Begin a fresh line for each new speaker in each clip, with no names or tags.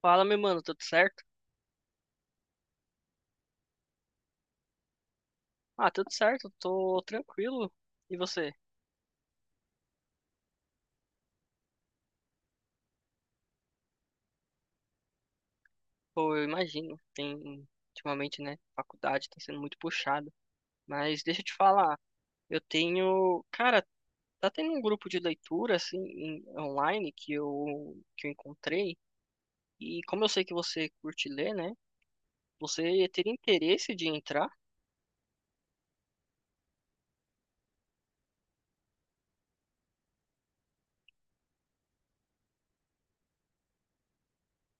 Fala, meu mano, tudo certo? Ah, tudo certo, tô tranquilo. E você? Pô, eu imagino, tem ultimamente, né, faculdade tá sendo muito puxado. Mas deixa eu te falar, cara, tá tendo um grupo de leitura assim online que eu encontrei e como eu sei que você curte ler, né? Você teria interesse de entrar?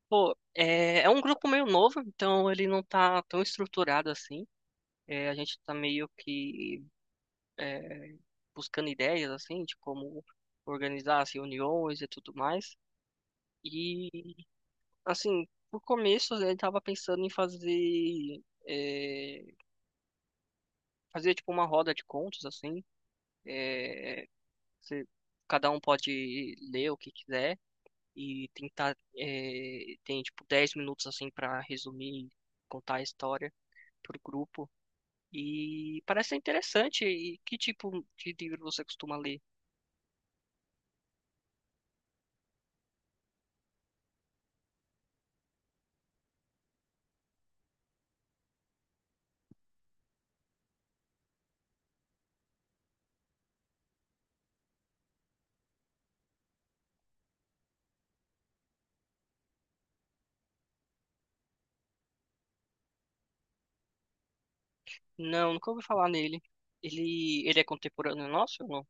Pô, é um grupo meio novo, então ele não tá tão estruturado assim. A gente tá meio que é, buscando ideias, assim, de como organizar as reuniões e tudo mais. E, assim, por começo, né, ele estava pensando em fazer, é, tipo, uma roda de contos, assim. É, você- cada um pode ler o que quiser e tentar, tem, tipo, 10 minutos, assim, para resumir, contar a história pro grupo. E parece ser interessante. E que tipo de livro você costuma ler? Não, nunca ouvi falar nele. Ele é contemporâneo nosso? Ou não?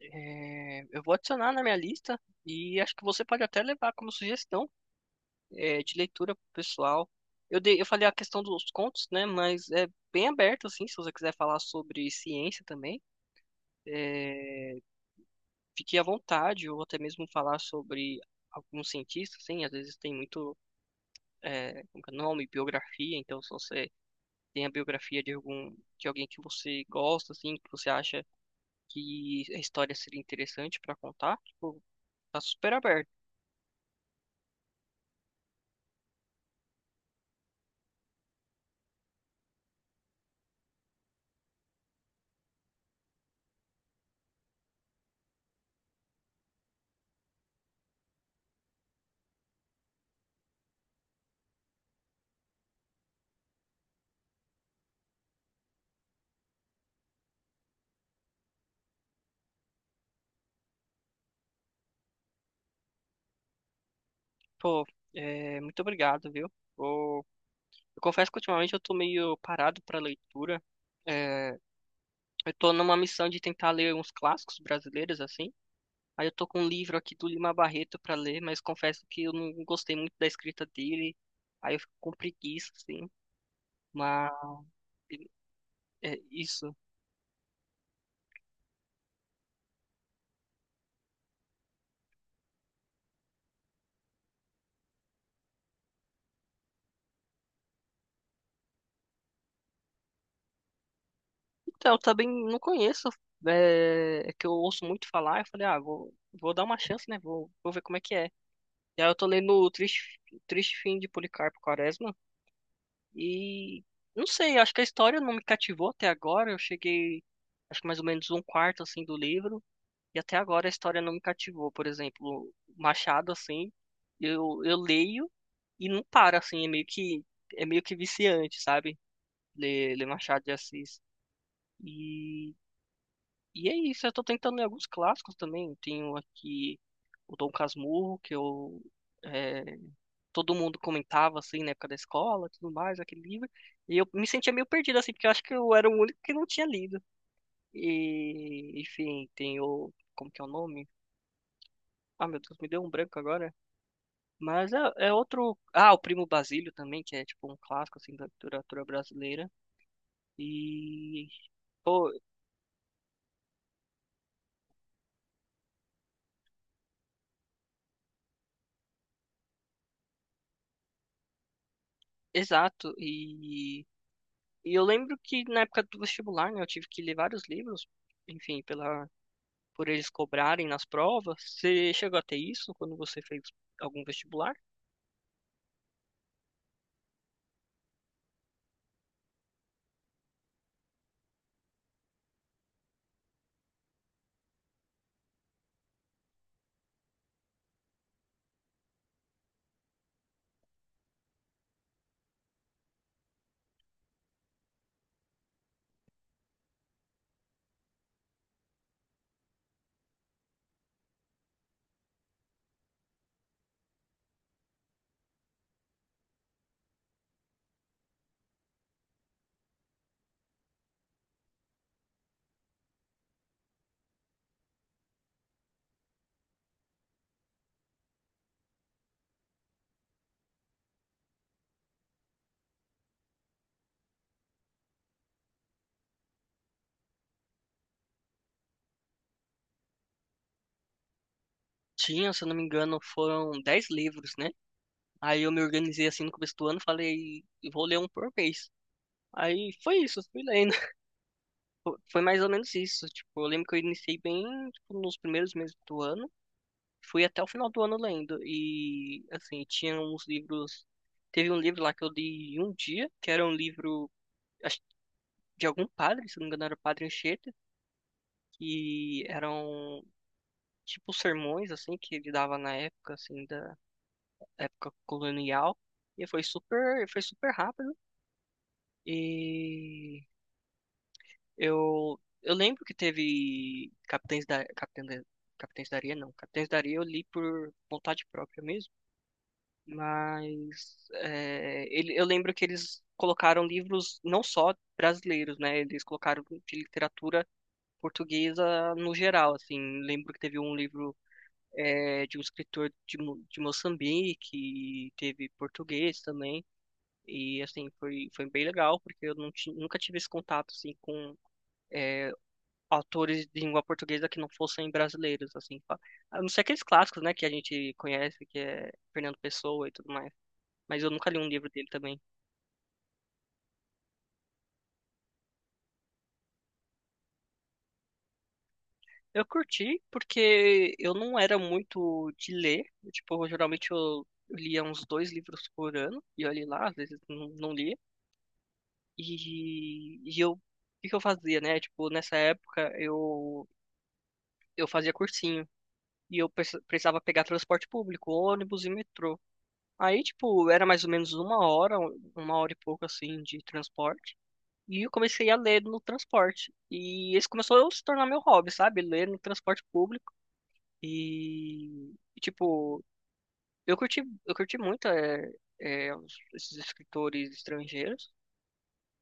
É, eu vou adicionar na minha lista e acho que você pode até levar como sugestão, de leitura pro pessoal. Eu falei a questão dos contos, né? Mas é bem aberto, assim, se você quiser falar sobre ciência também, é, fique à vontade, ou até mesmo falar sobre alguns cientistas, assim, às vezes tem muito, como que é o nome, biografia. Então, se você tem a biografia de algum, de alguém que você gosta, assim, que você acha que a história seria interessante pra contar, tipo, tá super aberto. Pô, muito obrigado, viu? Vou- Eu confesso que ultimamente eu tô meio parado pra leitura. É, eu tô numa missão de tentar ler uns clássicos brasileiros, assim. Aí eu tô com um livro aqui do Lima Barreto pra ler, mas confesso que eu não gostei muito da escrita dele. Aí eu fico com preguiça, assim. Mas é isso. Então, eu também não conheço. É, é que eu ouço muito falar. Eu falei, ah, vou dar uma chance, né? Vou ver como é que é. E aí eu tô lendo o Triste Fim de Policarpo Quaresma e não sei, acho que a história não me cativou até agora. Eu cheguei, acho que mais ou menos um quarto assim do livro e até agora a história não me cativou. Por exemplo, Machado assim, eu leio e não para assim, é meio que viciante, sabe? Ler Machado de Assis. E e é isso, eu tô tentando ler alguns clássicos também. Tenho aqui o Dom Casmurro, é, todo mundo comentava, assim, na época da escola, tudo mais, aquele livro. E eu me sentia meio perdido, assim, porque eu acho que eu era o único que não tinha lido. E, enfim, tem o... Como que é o nome? Ah, meu Deus, me deu um branco agora. Mas é outro. Ah, o Primo Basílio também, que é, tipo, um clássico, assim, da literatura brasileira. E... Pô, exato. E eu lembro que na época do vestibular, né, eu tive que ler vários livros, enfim, pela por eles cobrarem nas provas. Você chegou a ter isso quando você fez algum vestibular? Tinha, se eu não me engano, foram 10 livros, né? Aí eu me organizei assim no começo do ano, falei, vou ler um por mês. Aí foi isso, fui lendo. Foi mais ou menos isso. Tipo, eu lembro que eu iniciei bem, tipo, nos primeiros meses do ano. Fui até o final do ano lendo. E, assim, tinha uns livros. Teve um livro lá que eu li em um dia, que era um livro, acho, de algum padre, se eu não me engano, era o Padre Anchieta, que eram tipo sermões assim que ele dava na época assim da época colonial e foi super rápido. E eu lembro que teve Capitães da Areia. Não, Capitães da Areia eu li por vontade própria mesmo. Mas é, ele, eu lembro que eles colocaram livros não só brasileiros, né, eles colocaram de literatura portuguesa no geral, assim. Lembro que teve um livro, é, de um escritor de, de Moçambique, e teve português também. E assim, foi, foi bem legal, porque eu nunca tive esse contato assim com, é, autores de língua portuguesa que não fossem brasileiros, assim, a não ser aqueles clássicos, né, que a gente conhece, que é Fernando Pessoa e tudo mais. Mas eu nunca li um livro dele também. Eu curti porque eu não era muito de ler, tipo, geralmente eu lia uns dois livros por ano, e olhe lá, às vezes não, não lia. E eu, o que que eu fazia, né? Tipo, nessa época eu fazia cursinho e eu precisava pegar transporte público, ônibus e metrô. Aí, tipo, era mais ou menos uma hora e pouco assim de transporte. E eu comecei a ler no transporte. E esse começou a se tornar meu hobby, sabe? Ler no transporte público. E, tipo, eu curti muito esses escritores estrangeiros.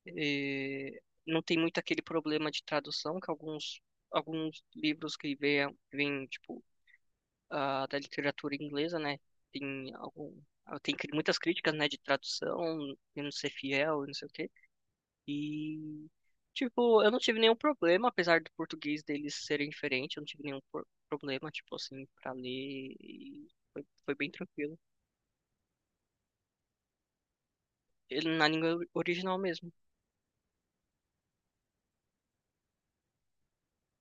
Eh, não tem muito aquele problema de tradução que alguns livros que vêm tipo, ah, da literatura inglesa, né? Tem algum tem muitas críticas, né, de tradução, e não ser fiel, e não sei o quê. E tipo, eu não tive nenhum problema, apesar do português deles serem diferente, eu não tive nenhum problema, tipo assim, para ler e foi, foi bem tranquilo. Ele na língua original mesmo.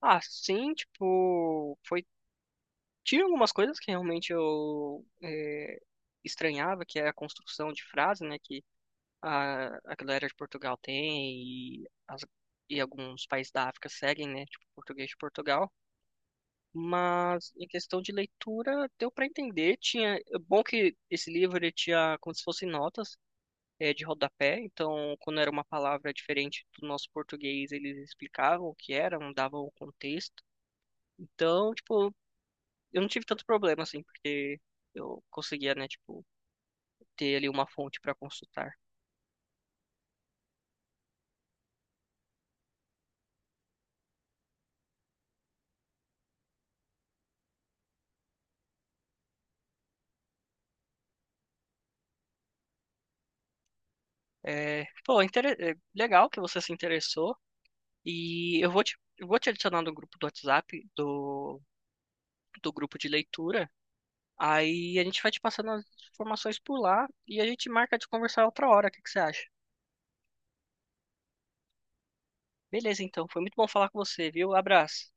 Ah, sim, tipo, foi. Tinha algumas coisas que realmente eu estranhava, que é a construção de frase, né, que a galera de Portugal tem e, as- e alguns países da África seguem, né, tipo português de Portugal. Mas em questão de leitura, deu para entender. Tinha, é bom que esse livro ele tinha como se fossem notas, de rodapé. Então, quando era uma palavra diferente do nosso português, eles explicavam o que era, não davam o contexto. Então, tipo, eu não tive tanto problema, assim, porque eu conseguia, né, tipo, ter ali uma fonte para consultar. É, pô, legal que você se interessou e eu vou te adicionar no grupo do WhatsApp, do, do grupo de leitura. Aí a gente vai te passando as informações por lá e a gente marca de conversar outra hora. O que que você acha? Beleza, então. Foi muito bom falar com você, viu? Abraço.